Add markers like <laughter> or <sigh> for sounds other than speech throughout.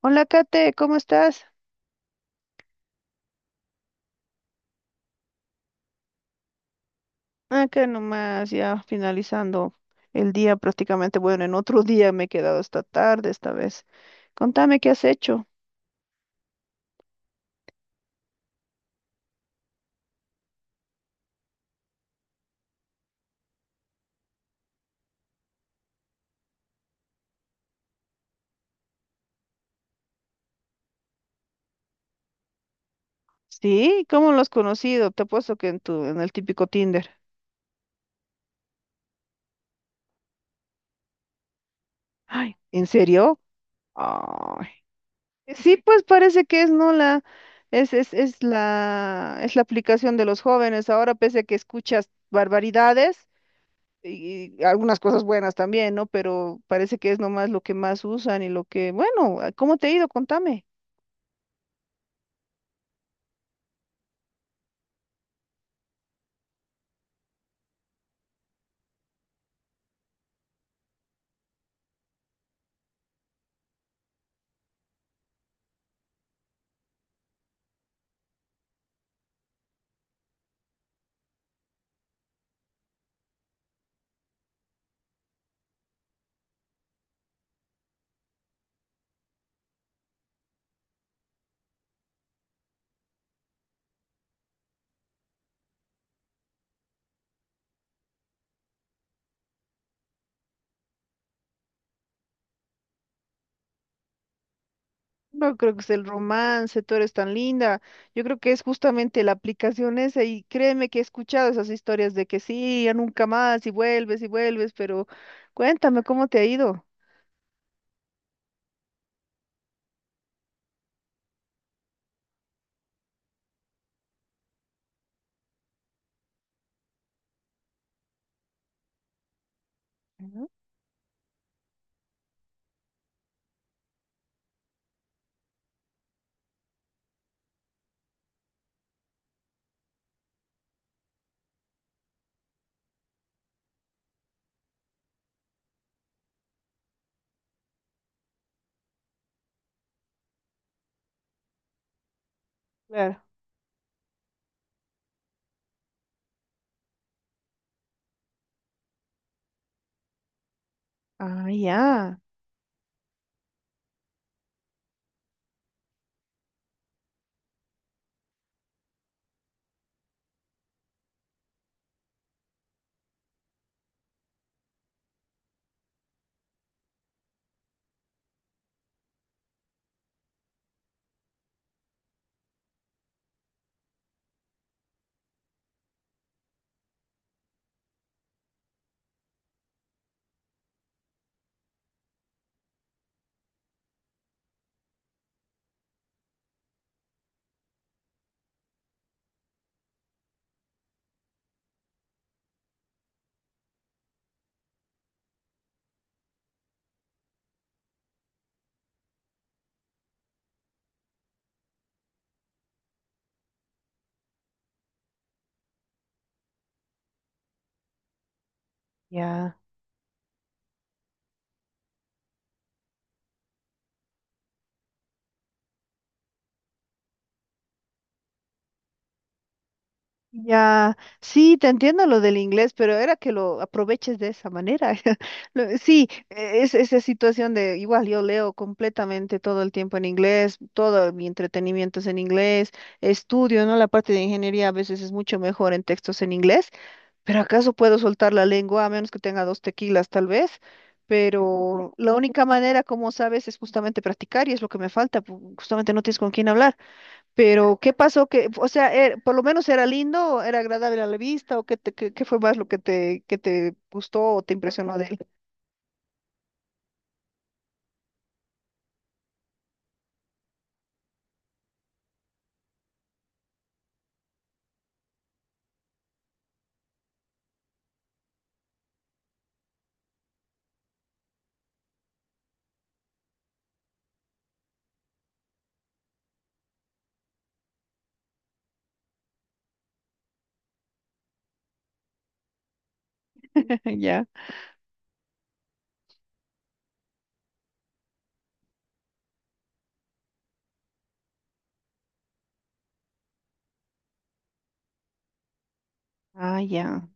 Hola, Kate, ¿cómo estás? Acá nomás, ya finalizando el día prácticamente. Bueno, en otro <laughs> día me he quedado hasta tarde esta vez. Contame qué has hecho. Sí, ¿cómo lo has conocido? Te apuesto que en el típico Tinder. Ay, ¿en serio? Ay. Sí, pues parece que es no la, es la aplicación de los jóvenes. Ahora, pese a que escuchas barbaridades, y algunas cosas buenas también, ¿no? Pero parece que es nomás lo que más usan y lo que, bueno, ¿cómo te ha ido? Contame. No creo que es el romance, tú eres tan linda. Yo creo que es justamente la aplicación esa y créeme que he escuchado esas historias de que sí, ya nunca más y vuelves, pero cuéntame cómo te ha ido. Ujú. Claro. Ah, ya, ya. Ya, sí, te entiendo lo del inglés, pero era que lo aproveches de esa manera. <laughs> Sí, es esa situación de igual yo leo completamente todo el tiempo en inglés, todo mi entretenimiento es en inglés, estudio, ¿no? La parte de ingeniería a veces es mucho mejor en textos en inglés, pero ¿acaso puedo soltar la lengua a menos que tenga dos tequilas tal vez? Pero la única manera, como sabes, es justamente practicar y es lo que me falta, justamente no tienes con quién hablar. Pero ¿qué pasó? Que, o sea, por lo menos era lindo, era agradable a la vista, o qué, te- qué, qué fue más lo que que te gustó o te impresionó de él. <laughs> Ya. Ah, ya.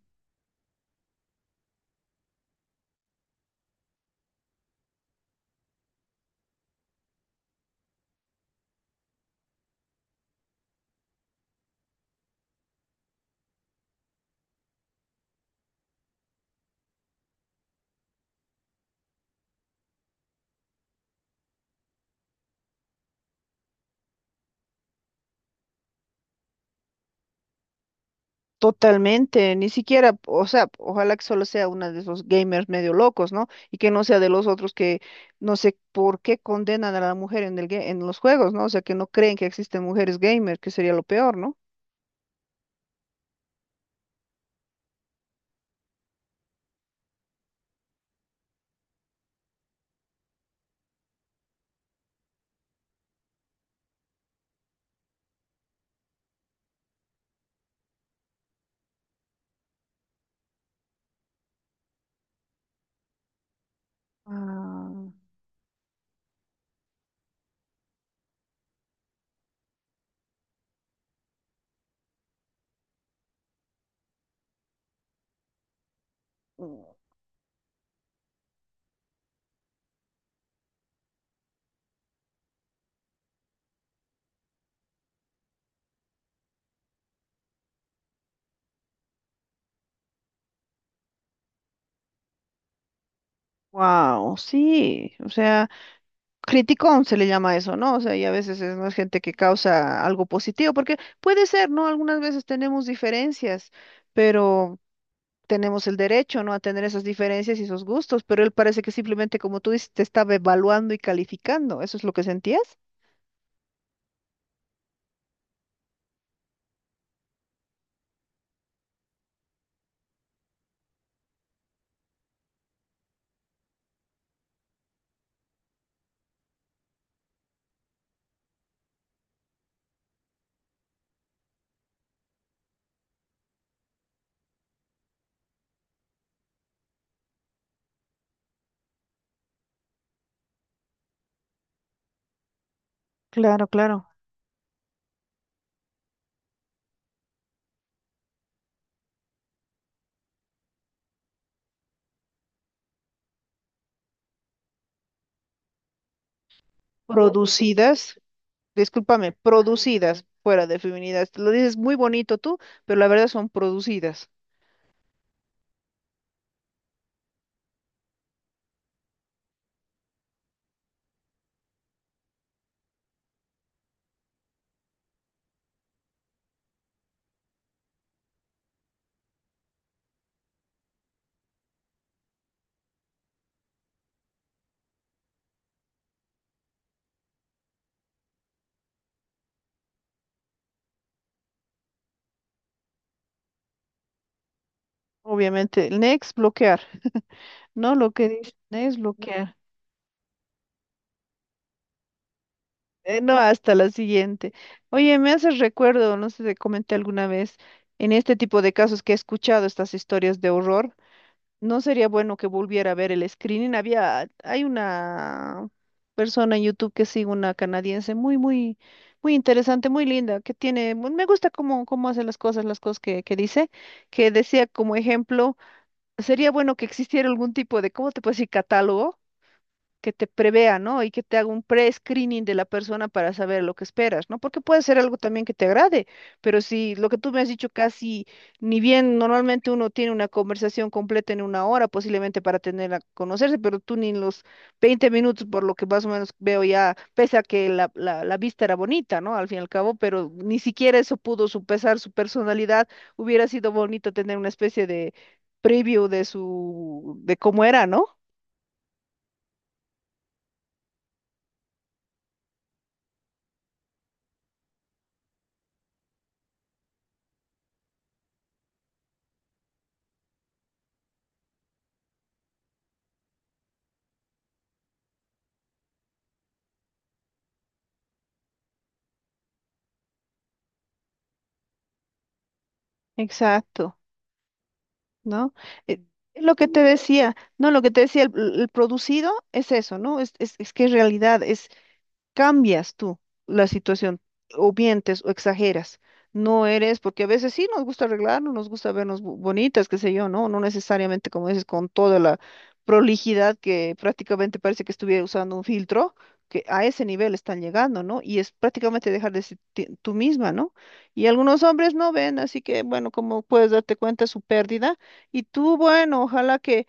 Totalmente, ni siquiera, o sea, ojalá que solo sea una de esos gamers medio locos, ¿no? Y que no sea de los otros que no sé por qué condenan a la mujer en en los juegos, ¿no? O sea, que no creen que existen mujeres gamers, que sería lo peor, ¿no? Ah, wow, sí, o sea. Criticón se le llama eso, ¿no? O sea, y a veces es más gente que causa algo positivo, porque puede ser, ¿no? Algunas veces tenemos diferencias, pero tenemos el derecho, ¿no? A tener esas diferencias y esos gustos, pero él parece que simplemente, como tú dices, te estaba evaluando y calificando. ¿Eso es lo que sentías? Claro, claro. Producidas, discúlpame, producidas fuera de feminidad. Lo dices muy bonito tú, pero la verdad son producidas. Obviamente, el next, bloquear. No, lo que dice, next, bloquear. No, hasta la siguiente. Oye, me haces recuerdo, no sé si te comenté alguna vez, en este tipo de casos que he escuchado estas historias de horror, no sería bueno que volviera a ver el screening. Hay una persona en YouTube que sigue, una canadiense muy interesante, muy linda, que tiene, me gusta cómo, cómo hace las cosas que dice, que decía como ejemplo, sería bueno que existiera algún tipo de, ¿cómo te puedo decir? Catálogo que te prevea, ¿no? Y que te haga un pre-screening de la persona para saber lo que esperas, ¿no? Porque puede ser algo también que te agrade, pero si lo que tú me has dicho casi, ni bien normalmente uno tiene una conversación completa en una hora, posiblemente para tener a conocerse, pero tú ni en los 20 minutos, por lo que más o menos veo ya, pese a que la vista era bonita, ¿no? Al fin y al cabo, pero ni siquiera eso pudo supesar su personalidad, hubiera sido bonito tener una especie de preview de de cómo era, ¿no? Exacto. ¿No? Eh, lo que te decía, no, lo que te decía, el producido es eso, ¿no? Es que es realidad, es, cambias tú la situación, o mientes o exageras. No eres, porque a veces sí nos gusta arreglarnos, nos gusta vernos bonitas, qué sé yo, ¿no? No necesariamente, como dices, con toda la prolijidad que prácticamente parece que estuviera usando un filtro, que a ese nivel están llegando, ¿no? Y es prácticamente dejar de ser tú misma, ¿no? Y algunos hombres no ven, así que, bueno, como puedes darte cuenta, su pérdida. Y tú, bueno, ojalá que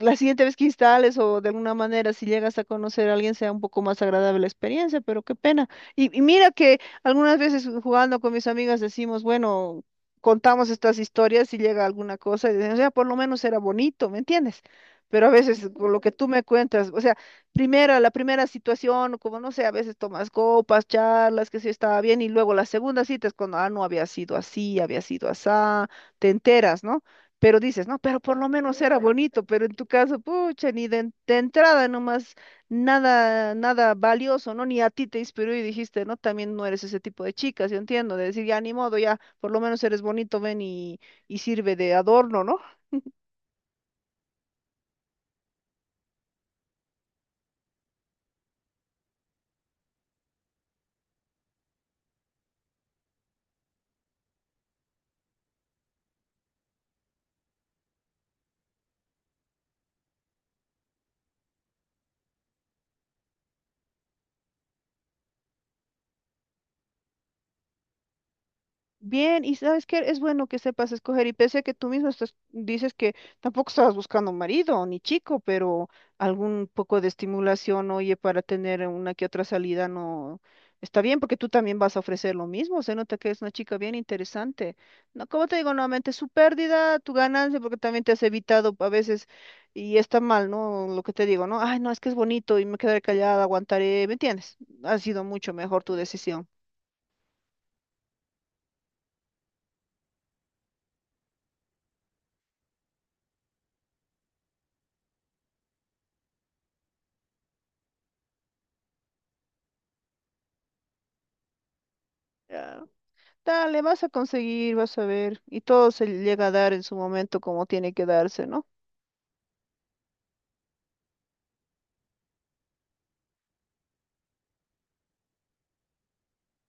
la siguiente vez que instales o de alguna manera si llegas a conocer a alguien sea un poco más agradable la experiencia, pero qué pena. Y mira que algunas veces jugando con mis amigas decimos, bueno, contamos estas historias y llega alguna cosa y decimos, ya por lo menos era bonito, ¿me entiendes? Pero a veces con lo que tú me cuentas, o sea, primera, la primera situación, como no sé, a veces tomas copas, charlas, que sí estaba bien, y luego la segunda cita es cuando, ah, no había sido así, había sido asá, te enteras, ¿no? Pero dices, no, pero por lo menos era bonito, pero en tu caso, pucha, ni de, en- de entrada nomás, nada, nada valioso, ¿no? Ni a ti te inspiró y dijiste, no, también no eres ese tipo de chica, yo entiendo, de decir, ya ni modo, ya, por lo menos eres bonito, ven y sirve de adorno, ¿no? Bien, y sabes que es bueno que sepas escoger, y pese a que tú mismo estás, dices que tampoco estabas buscando marido ni chico, pero algún poco de estimulación, oye, para tener una que otra salida no está bien, porque tú también vas a ofrecer lo mismo, se nota que es una chica bien interesante. No, como te digo nuevamente, su pérdida, tu ganancia, porque también te has evitado a veces, y está mal, ¿no? Lo que te digo, ¿no? Ay, no, es que es bonito y me quedaré callada, aguantaré, ¿me entiendes? Ha sido mucho mejor tu decisión. Ah. Dale, vas a conseguir, vas a ver. Y todo se llega a dar en su momento como tiene que darse, ¿no?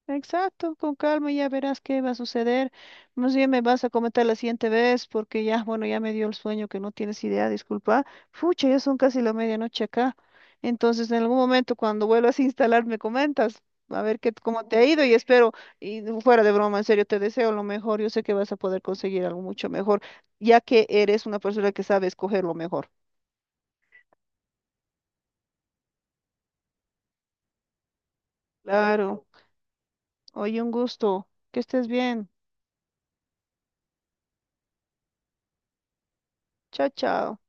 Exacto, con calma ya verás qué va a suceder. Más bien me vas a comentar la siguiente vez porque ya, bueno, ya me dio el sueño que no tienes idea, disculpa. Fucha, ya son casi la medianoche acá. Entonces, en algún momento cuando vuelvas a instalar me comentas. A ver qué, cómo te ha ido y espero, y no, fuera de broma, en serio, te deseo lo mejor. Yo sé que vas a poder conseguir algo mucho mejor, ya que eres una persona que sabe escoger lo mejor. Claro. Oye, un gusto. Que estés bien. Chao, chao.